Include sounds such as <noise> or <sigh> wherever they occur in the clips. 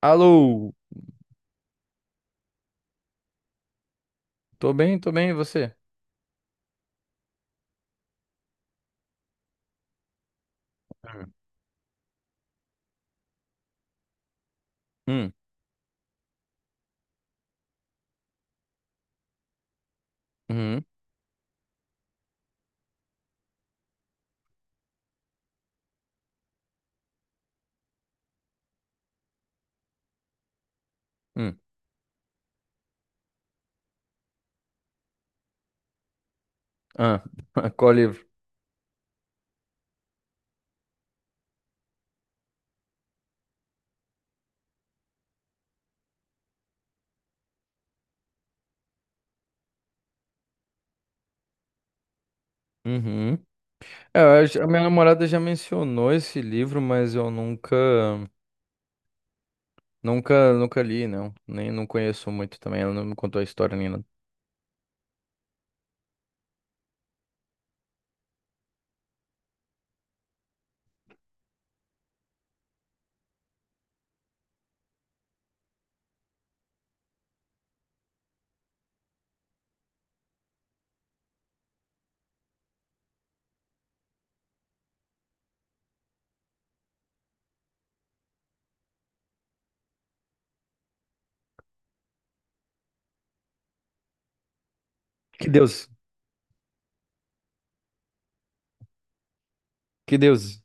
Alô, tô bem, e você? Hum. Hum, uhum, hum. Ah, <laughs> qual livro? Uhum. É, eu acho- a minha namorada já mencionou esse livro, mas eu nunca li, não. Nem não conheço muito também, ela não me contou a história nem nada. Que Deus, que Deus.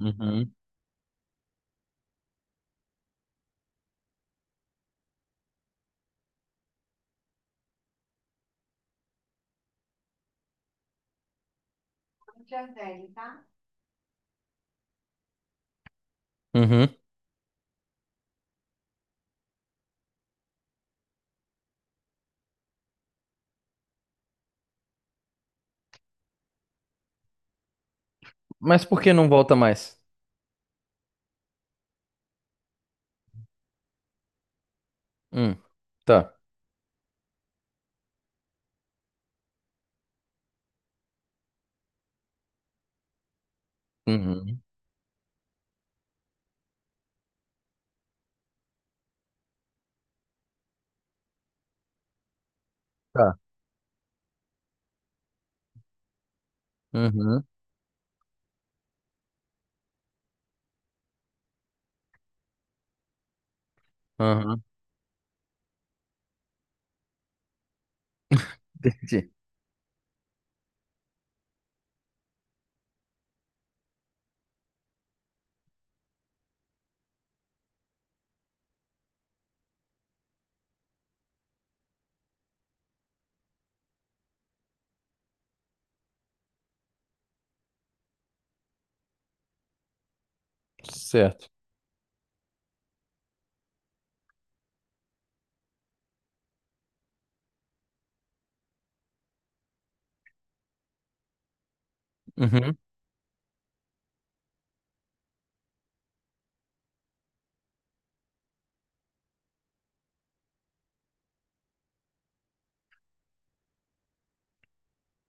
Uhum. Uhum. Mas por que não volta mais? Hum, tá. Uhum. Tá. Uhum. Uhum. <laughs> Entendi. Certo. Uhum.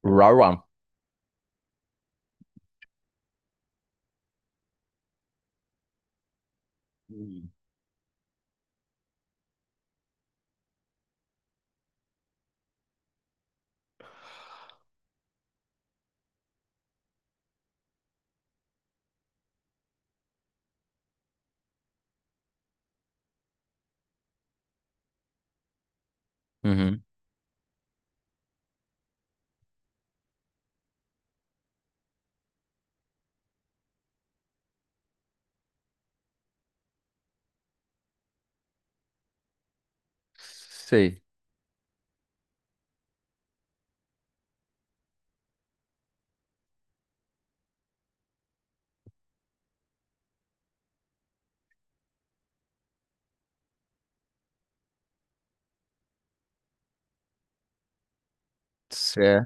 Rauam. Uhum. Sei.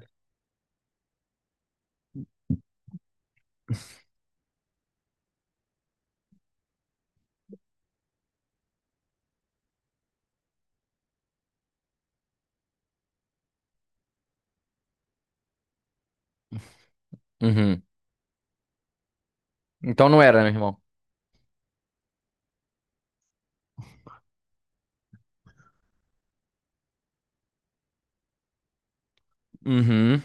Uhum. Então não era, né, irmão? Uhum.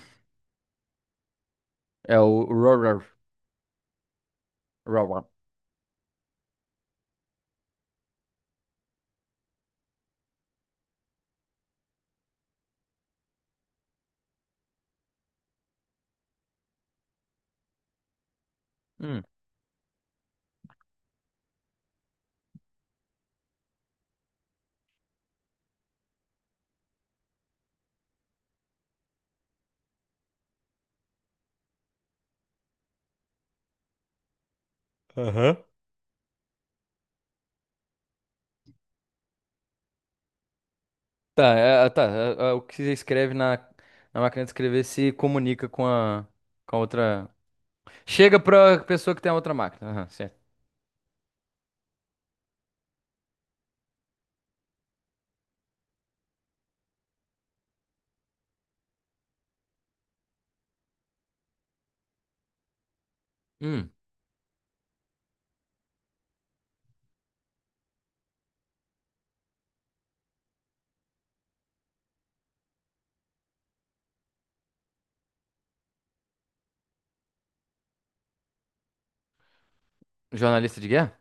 É o Rorar. Rorar. Hum. Aham. Tá, é, tá. O que você escreve na, na máquina de escrever se comunica com a outra. Chega pra pessoa que tem a outra máquina. Aham, certo. Hum. Jornalista de guerra?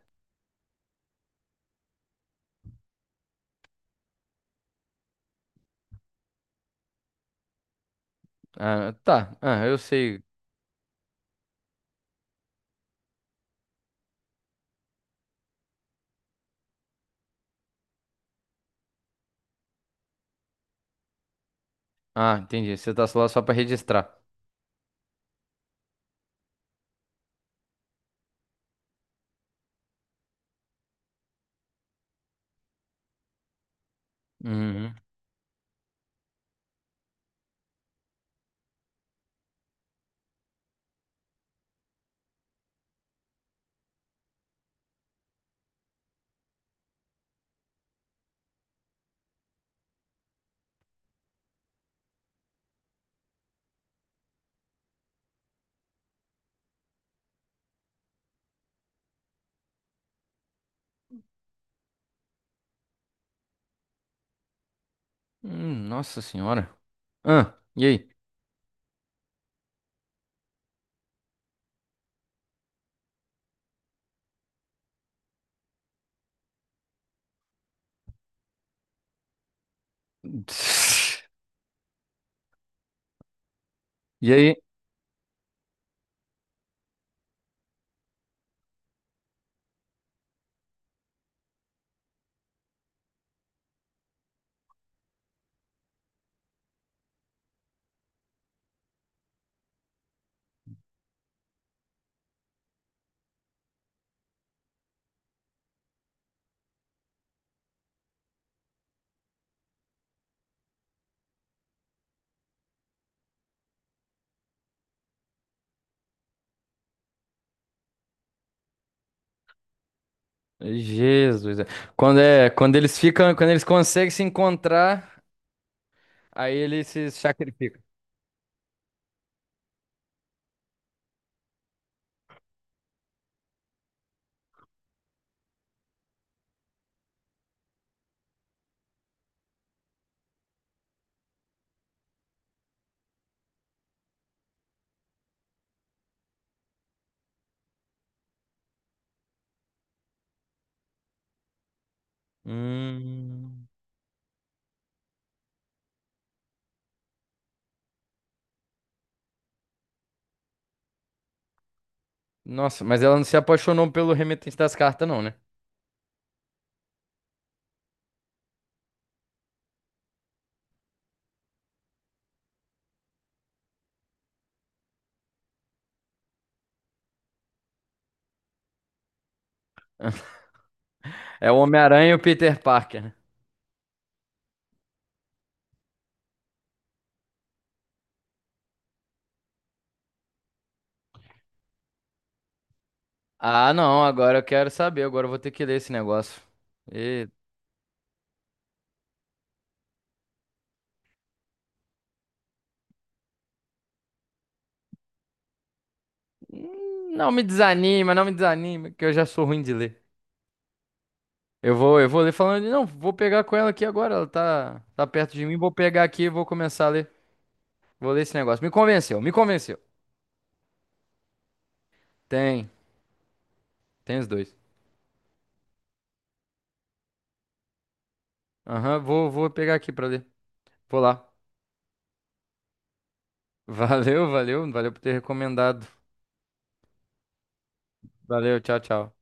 Ah, tá. Ah, eu sei. Ah, entendi. Você tá lá só pra registrar. Uhum. Nossa senhora. Ah, e aí? <laughs> E aí? Jesus. É. Quando eles ficam, quando eles conseguem se encontrar, aí eles se sacrificam. Hum. Nossa, mas ela não se apaixonou pelo remetente das cartas, não, né? <laughs> É o Homem-Aranha e o Peter Parker, né? Ah, não, agora eu quero saber, agora eu vou ter que ler esse negócio. E... não me desanima, não me desanima, que eu já sou ruim de ler. Eu vou ler falando, não, vou pegar com ela aqui agora, ela tá, tá perto de mim, vou pegar aqui e vou começar a ler. Vou ler esse negócio. Me convenceu, me convenceu. Tem. Tem os dois. Aham, vou pegar aqui pra ler. Vou lá. Valeu, valeu. Valeu por ter recomendado. Valeu, tchau, tchau.